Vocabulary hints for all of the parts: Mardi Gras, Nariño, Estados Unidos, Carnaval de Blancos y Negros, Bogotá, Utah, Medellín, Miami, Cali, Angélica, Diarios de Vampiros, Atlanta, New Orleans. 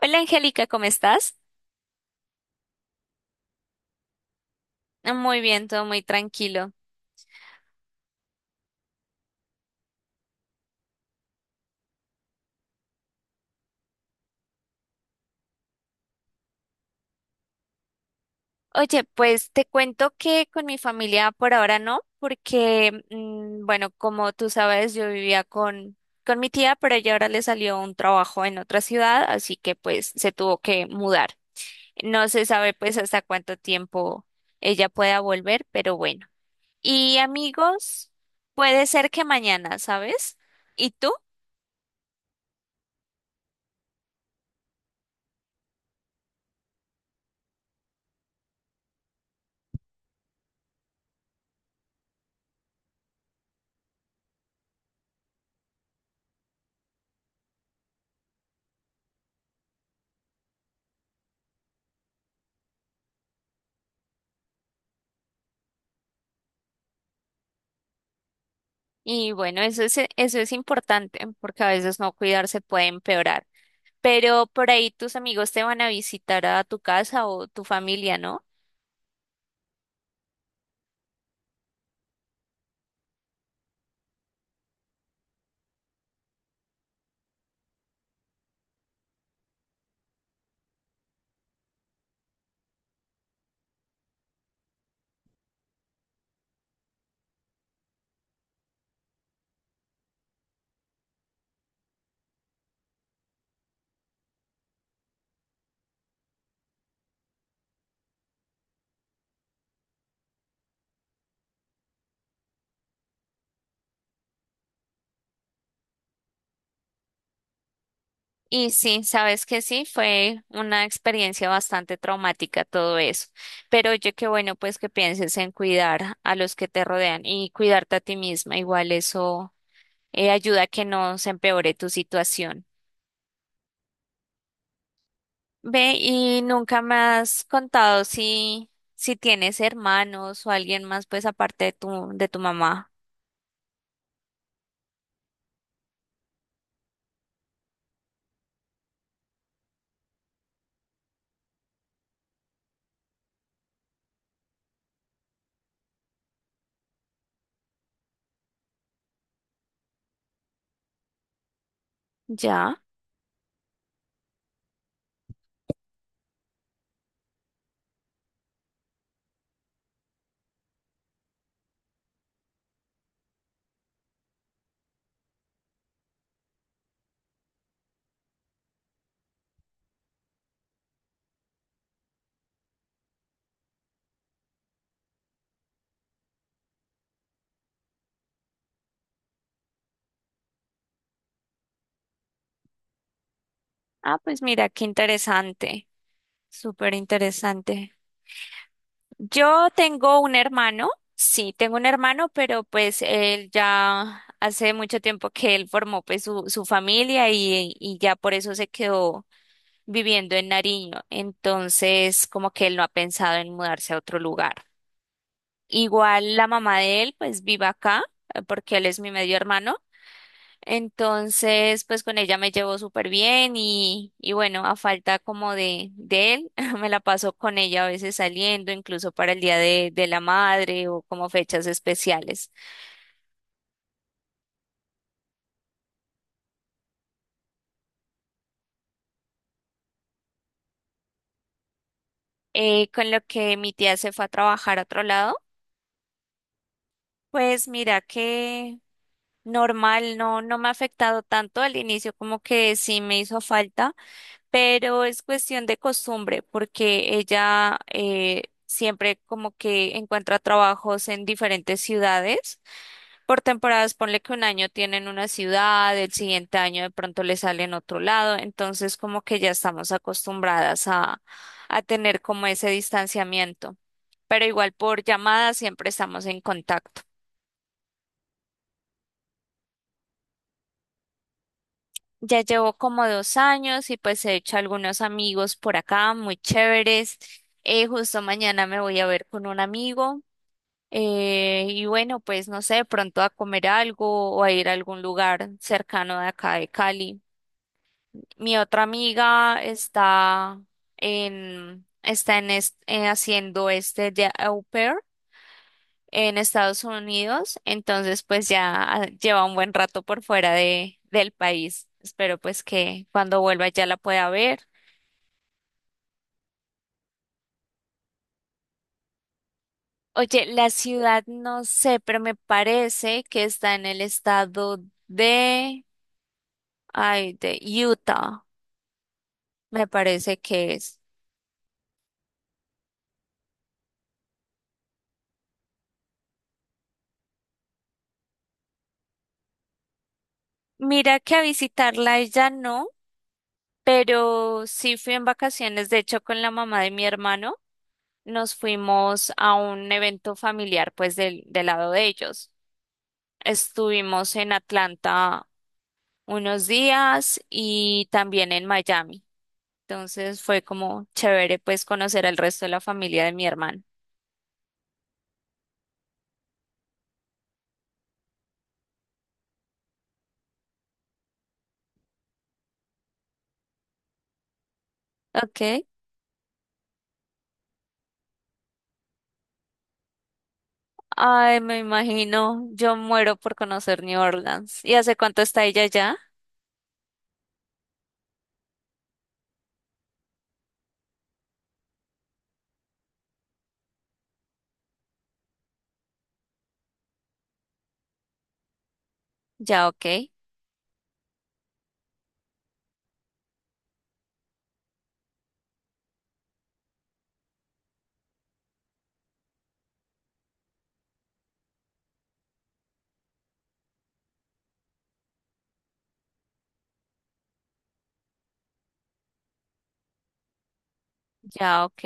Hola Angélica, ¿cómo estás? Muy bien, todo muy tranquilo. Oye, pues te cuento que con mi familia por ahora no, porque, bueno, como tú sabes, yo vivía con mi tía, pero ella ahora le salió un trabajo en otra ciudad, así que pues se tuvo que mudar. No se sabe pues hasta cuánto tiempo ella pueda volver, pero bueno. Y amigos, puede ser que mañana, ¿sabes? ¿Y tú? Y bueno, eso es importante, porque a veces no cuidarse puede empeorar. Pero por ahí tus amigos te van a visitar a tu casa o tu familia, ¿no? Y sí, sabes que sí, fue una experiencia bastante traumática todo eso. Pero oye, qué bueno pues que pienses en cuidar a los que te rodean y cuidarte a ti misma. Igual eso ayuda a que no se empeore tu situación. Ve, y nunca me has contado si tienes hermanos o alguien más, pues aparte de de tu mamá. ¿Ya? Ah, pues mira, qué interesante. Súper interesante. Yo tengo un hermano, sí, tengo un hermano, pero pues él ya hace mucho tiempo que él formó pues su familia y ya por eso se quedó viviendo en Nariño. Entonces, como que él no ha pensado en mudarse a otro lugar. Igual la mamá de él, pues vive acá, porque él es mi medio hermano. Entonces, pues con ella me llevo súper bien y bueno, a falta como de él, me la paso con ella a veces saliendo, incluso para el día de la madre o como fechas especiales. Con lo que mi tía se fue a trabajar a otro lado, pues mira que normal, no me ha afectado tanto al inicio como que sí me hizo falta, pero es cuestión de costumbre, porque ella siempre como que encuentra trabajos en diferentes ciudades. Por temporadas, ponle que un año tienen una ciudad, el siguiente año de pronto le sale en otro lado, entonces como que ya estamos acostumbradas a tener como ese distanciamiento. Pero igual por llamada siempre estamos en contacto. Ya llevo como 2 años y pues he hecho algunos amigos por acá, muy chéveres. Justo mañana me voy a ver con un amigo. Eh, y bueno, pues no sé, pronto a comer algo o a ir a algún lugar cercano de acá de Cali. Mi otra amiga está en haciendo este de au pair en Estados Unidos, entonces pues ya lleva un buen rato por fuera de, del país. Espero pues que cuando vuelva ya la pueda ver. Oye, la ciudad no sé, pero me parece que está en el estado de, ay, de Utah, me parece que es. Mira que a visitarla ella no, pero sí fui en vacaciones, de hecho con la mamá de mi hermano, nos fuimos a un evento familiar pues del, del lado de ellos. Estuvimos en Atlanta unos días y también en Miami. Entonces fue como chévere pues conocer al resto de la familia de mi hermano. Ok. Ay, me imagino, yo muero por conocer New Orleans. ¿Y hace cuánto está ella ya? Ya, ok, ya, ok,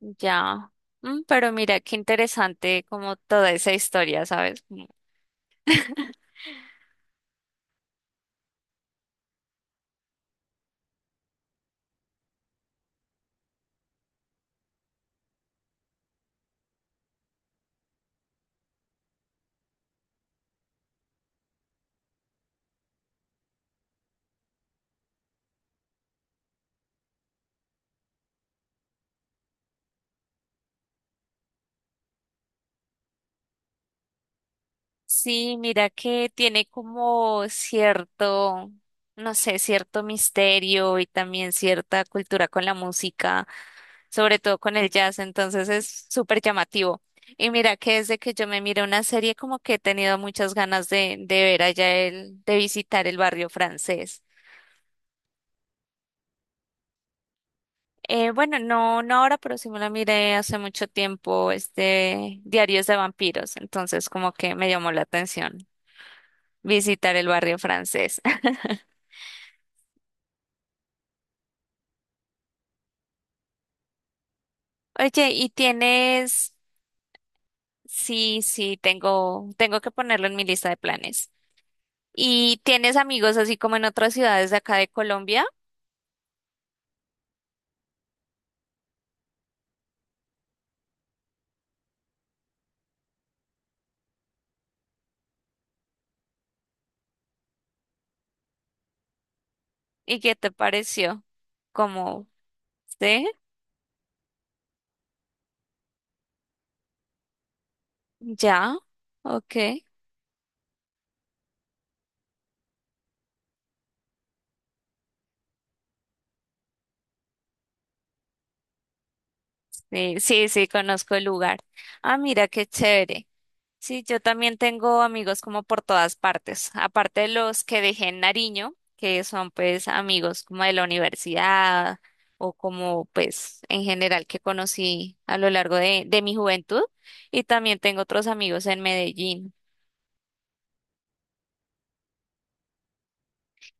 ya. Mm, pero mira, qué interesante como toda esa historia, ¿sabes? Sí, mira que tiene como cierto, no sé, cierto misterio y también cierta cultura con la música, sobre todo con el jazz, entonces es súper llamativo. Y mira que desde que yo me miré una serie como que he tenido muchas ganas de ver allá el, de visitar el barrio francés. Bueno, no ahora, pero sí me la miré hace mucho tiempo, este Diarios de Vampiros, entonces como que me llamó la atención visitar el barrio francés. Oye, ¿y tienes? Sí, sí, tengo que ponerlo en mi lista de planes. ¿Y tienes amigos así como en otras ciudades de acá de Colombia? ¿Y qué te pareció? Como, ¿sí? ¿Ya? Ok. Sí, sí, sí, conozco el lugar. Ah, mira, qué chévere. Sí, yo también tengo amigos como por todas partes, aparte de los que dejé en Nariño, que son pues amigos como de la universidad o como pues en general que conocí a lo largo de mi juventud y también tengo otros amigos en Medellín.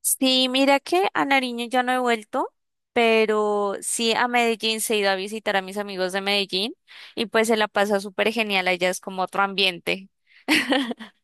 Sí, mira que a Nariño ya no he vuelto, pero sí a Medellín se he ido a visitar a mis amigos de Medellín y pues se la pasa súper genial, allá es como otro ambiente.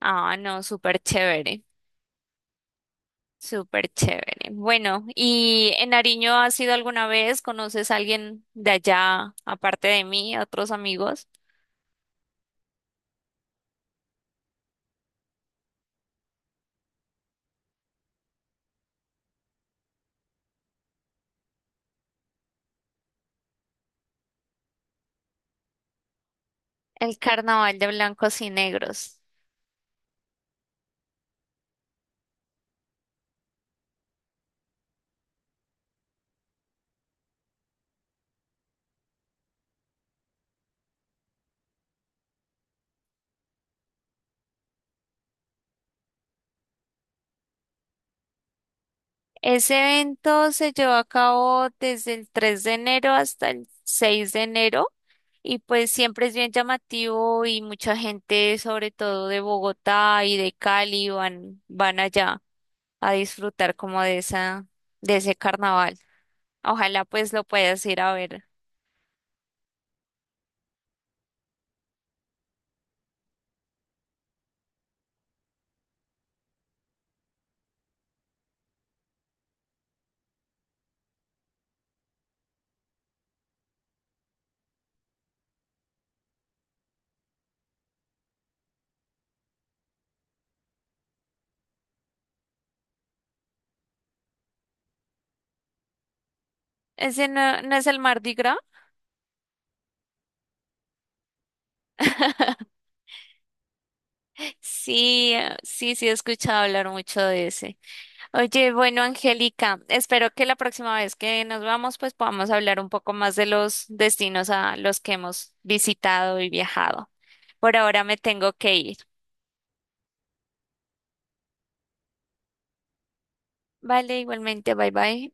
Ah, no, súper chévere. Súper chévere. Bueno, ¿y en Nariño has ido alguna vez? ¿Conoces a alguien de allá, aparte de mí, otros amigos? El Carnaval de Blancos y Negros. Ese evento se llevó a cabo desde el 3 de enero hasta el 6 de enero y pues siempre es bien llamativo y mucha gente, sobre todo de Bogotá y de Cali, van, van allá a disfrutar como de esa, de ese carnaval. Ojalá pues lo puedas ir a ver. Ese no, no es el Mardi Gras. Sí, sí, sí, he escuchado hablar mucho de ese. Oye, bueno, Angélica, espero que la próxima vez que nos vamos, pues podamos hablar un poco más de los destinos a los que hemos visitado y viajado. Por ahora me tengo que ir. Vale, igualmente, bye bye.